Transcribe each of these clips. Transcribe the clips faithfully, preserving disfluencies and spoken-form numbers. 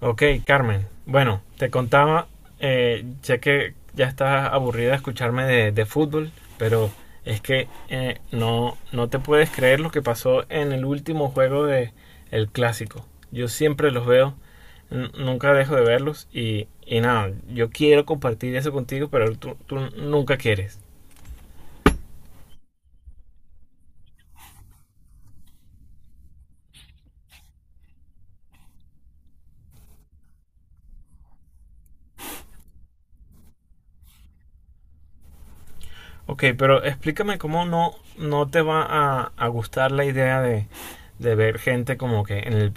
Ok, Carmen. Bueno, te contaba, eh, sé que ya estás aburrida de escucharme de, de fútbol, pero es que eh, no, no te puedes creer lo que pasó en el último juego de el clásico. Yo siempre los veo, n- nunca dejo de verlos y, y nada, yo quiero compartir eso contigo, pero tú, tú nunca quieres. Ok, pero explícame cómo no, no te va a, a gustar la idea de, de ver gente como que en el,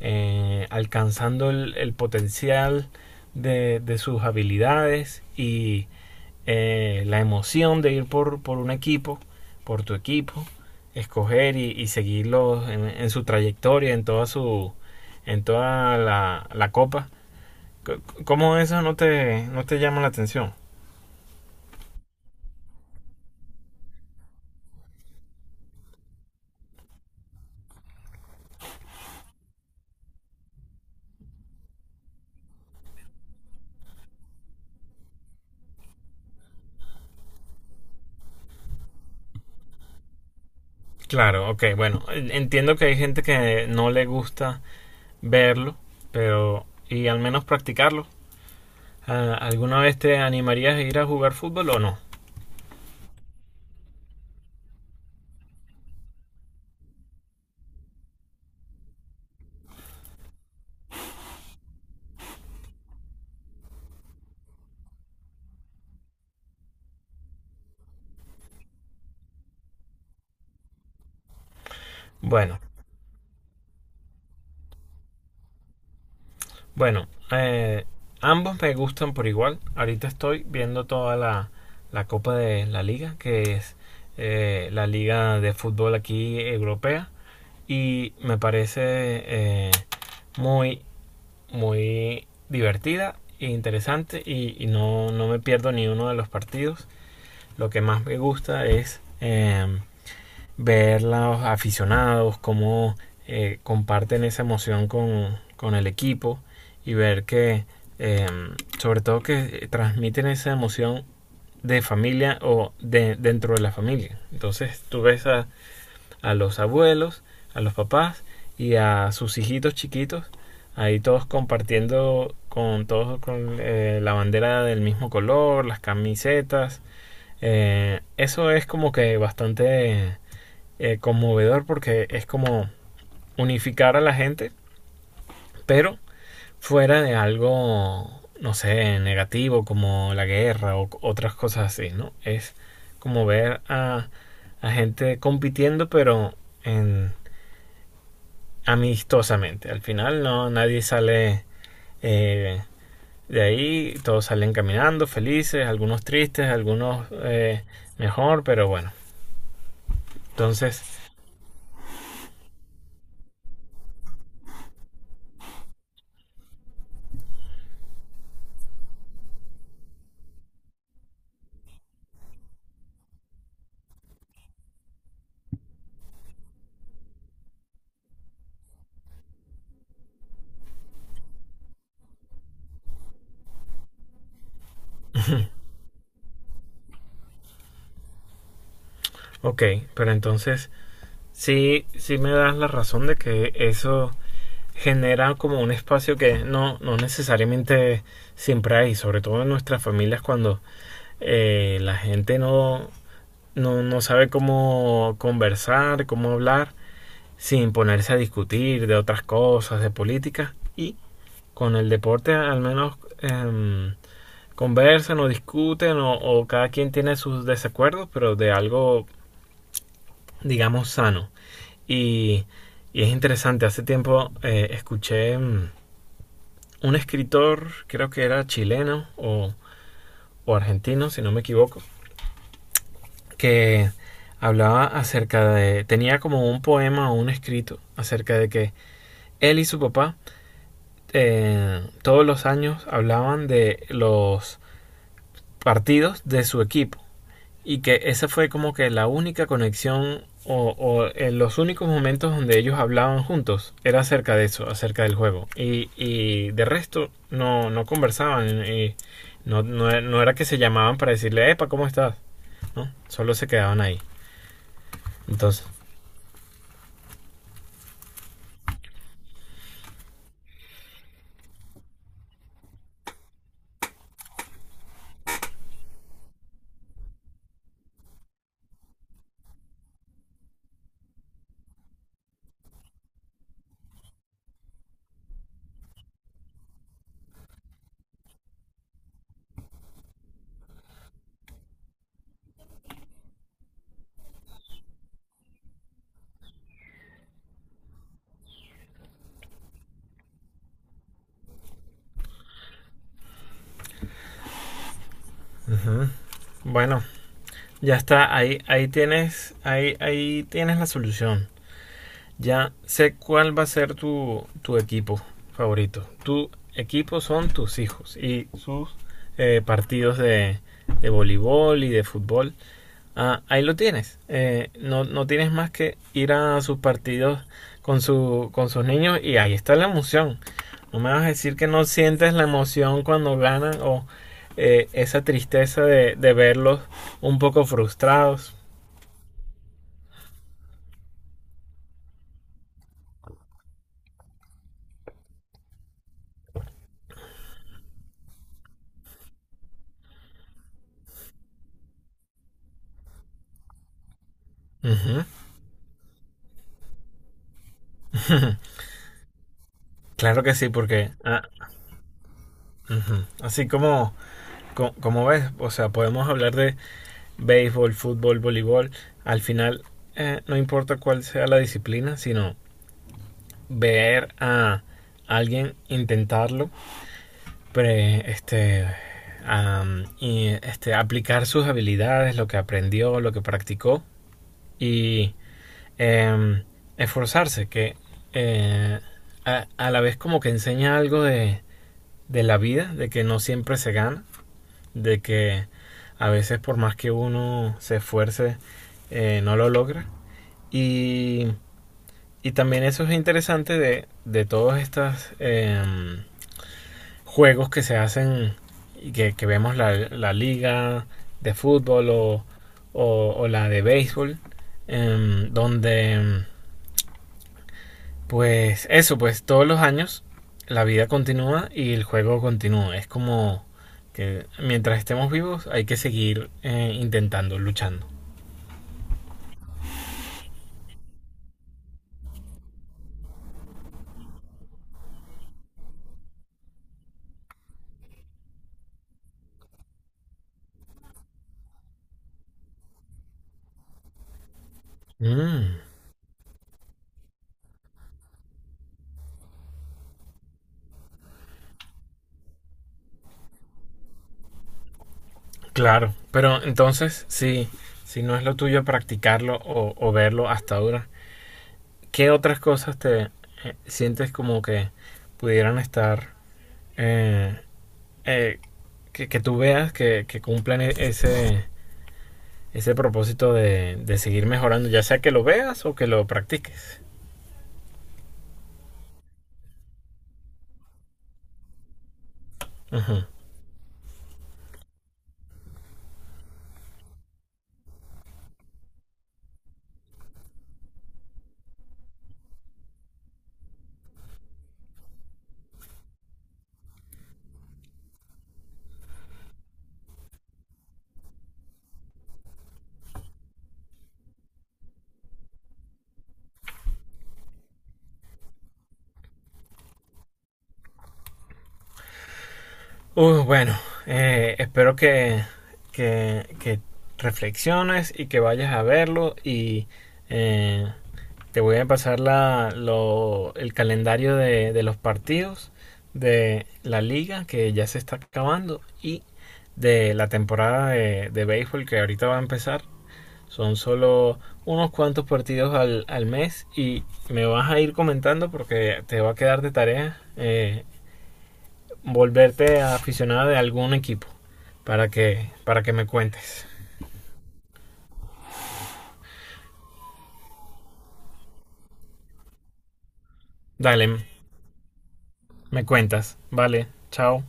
eh, alcanzando el, el potencial de, de sus habilidades y eh, la emoción de ir por, por un equipo, por tu equipo, escoger y, y seguirlos en, en su trayectoria, en toda su en toda la, la copa. C- ¿Cómo eso no te, no te llama la atención? Claro, ok, bueno, entiendo que hay gente que no le gusta verlo, pero y al menos practicarlo. Ah, ¿alguna vez te animarías a ir a jugar fútbol o no? Bueno, bueno, eh, ambos me gustan por igual. Ahorita estoy viendo toda la, la Copa de la Liga, que es eh, la liga de fútbol aquí europea, y me parece eh, muy muy divertida e interesante y, y no, no me pierdo ni uno de los partidos. Lo que más me gusta es eh, ver los aficionados, cómo eh, comparten esa emoción con, con, el equipo y ver que, eh, sobre todo, que transmiten esa emoción de familia o de, dentro de la familia. Entonces tú ves a a los abuelos, a los papás y a sus hijitos chiquitos, ahí todos compartiendo con todos con eh, la bandera del mismo color, las camisetas. Eh, eso es como que bastante eh, conmovedor porque es como unificar a la gente, pero fuera de algo, no sé, negativo como la guerra o otras cosas así, ¿no? Es como ver a, a gente compitiendo pero en amistosamente. Al final no nadie sale eh, de ahí, todos salen caminando, felices, algunos tristes, algunos eh, mejor, pero bueno. Entonces, ok, pero entonces sí, sí me das la razón de que eso genera como un espacio que no, no necesariamente siempre hay, sobre todo en nuestras familias cuando eh, la gente no, no, no sabe cómo conversar, cómo hablar sin ponerse a discutir de otras cosas, de política. Y con el deporte al menos em, conversan o discuten o, o cada quien tiene sus desacuerdos, pero de algo, digamos, sano. Y, y es interesante, hace tiempo eh, escuché mm, un escritor, creo que era chileno o, o argentino, si no me equivoco, que hablaba acerca de, tenía como un poema o un escrito acerca de que él y su papá eh, todos los años hablaban de los partidos de su equipo y que esa fue como que la única conexión o, o en los únicos momentos donde ellos hablaban juntos era acerca de eso, acerca del juego. Y, y de resto no, no conversaban y no, no, no era que se llamaban para decirle, Epa, ¿cómo estás? ¿No? Solo se quedaban ahí. Entonces, uh-huh. Bueno, ya está, ahí, ahí, tienes, ahí, ahí tienes la solución. Ya sé cuál va a ser tu, tu equipo favorito. Tu equipo son tus hijos y sus eh, partidos de, de voleibol y de fútbol. Ah, ahí lo tienes. Eh, no, no tienes más que ir a sus partidos con, su, con sus niños y ahí está la emoción. No me vas a decir que no sientes la emoción cuando ganan o eh, esa tristeza de, de verlos un poco frustrados. Ujú. Claro que sí, porque ah, ujú. Así como co- como ves, o sea, podemos hablar de béisbol, fútbol, voleibol. Al final, eh, no importa cuál sea la disciplina, sino ver a alguien intentarlo, pre- este, am, y, este, aplicar sus habilidades, lo que aprendió, lo que practicó y em, esforzarse, que eh, a, a la vez como que enseña algo de, de la vida, de que no siempre se gana de que a veces por más que uno se esfuerce, eh, no lo logra. Y, y también eso es interesante de, de todos estos eh, juegos que se hacen y que, que vemos la, la liga de fútbol o, o, o la de béisbol, em, donde em, pues eso, pues todos los años la vida continúa y el juego continúa. Es como que mientras estemos vivos hay que seguir eh, intentando, luchando. Mm, claro, pero entonces si, si no es lo tuyo practicarlo o, o verlo hasta ahora, ¿qué otras cosas te eh, sientes como que pudieran estar, eh, eh, que, que tú veas que, que cumplan e- ese, ese propósito de, de seguir mejorando, ya sea que lo veas o que lo practiques. Ajá. Uh, bueno, eh, espero que, que, que reflexiones y que vayas a verlo y eh, te voy a pasar la, lo, el calendario de, de los partidos de la liga que ya se está acabando y de la temporada de, de béisbol que ahorita va a empezar. Son solo unos cuantos partidos al, al mes y me vas a ir comentando porque te va a quedar de tarea eh, volverte aficionada de algún equipo para que, para que me cuentes. Dale, me cuentas. Vale, chao.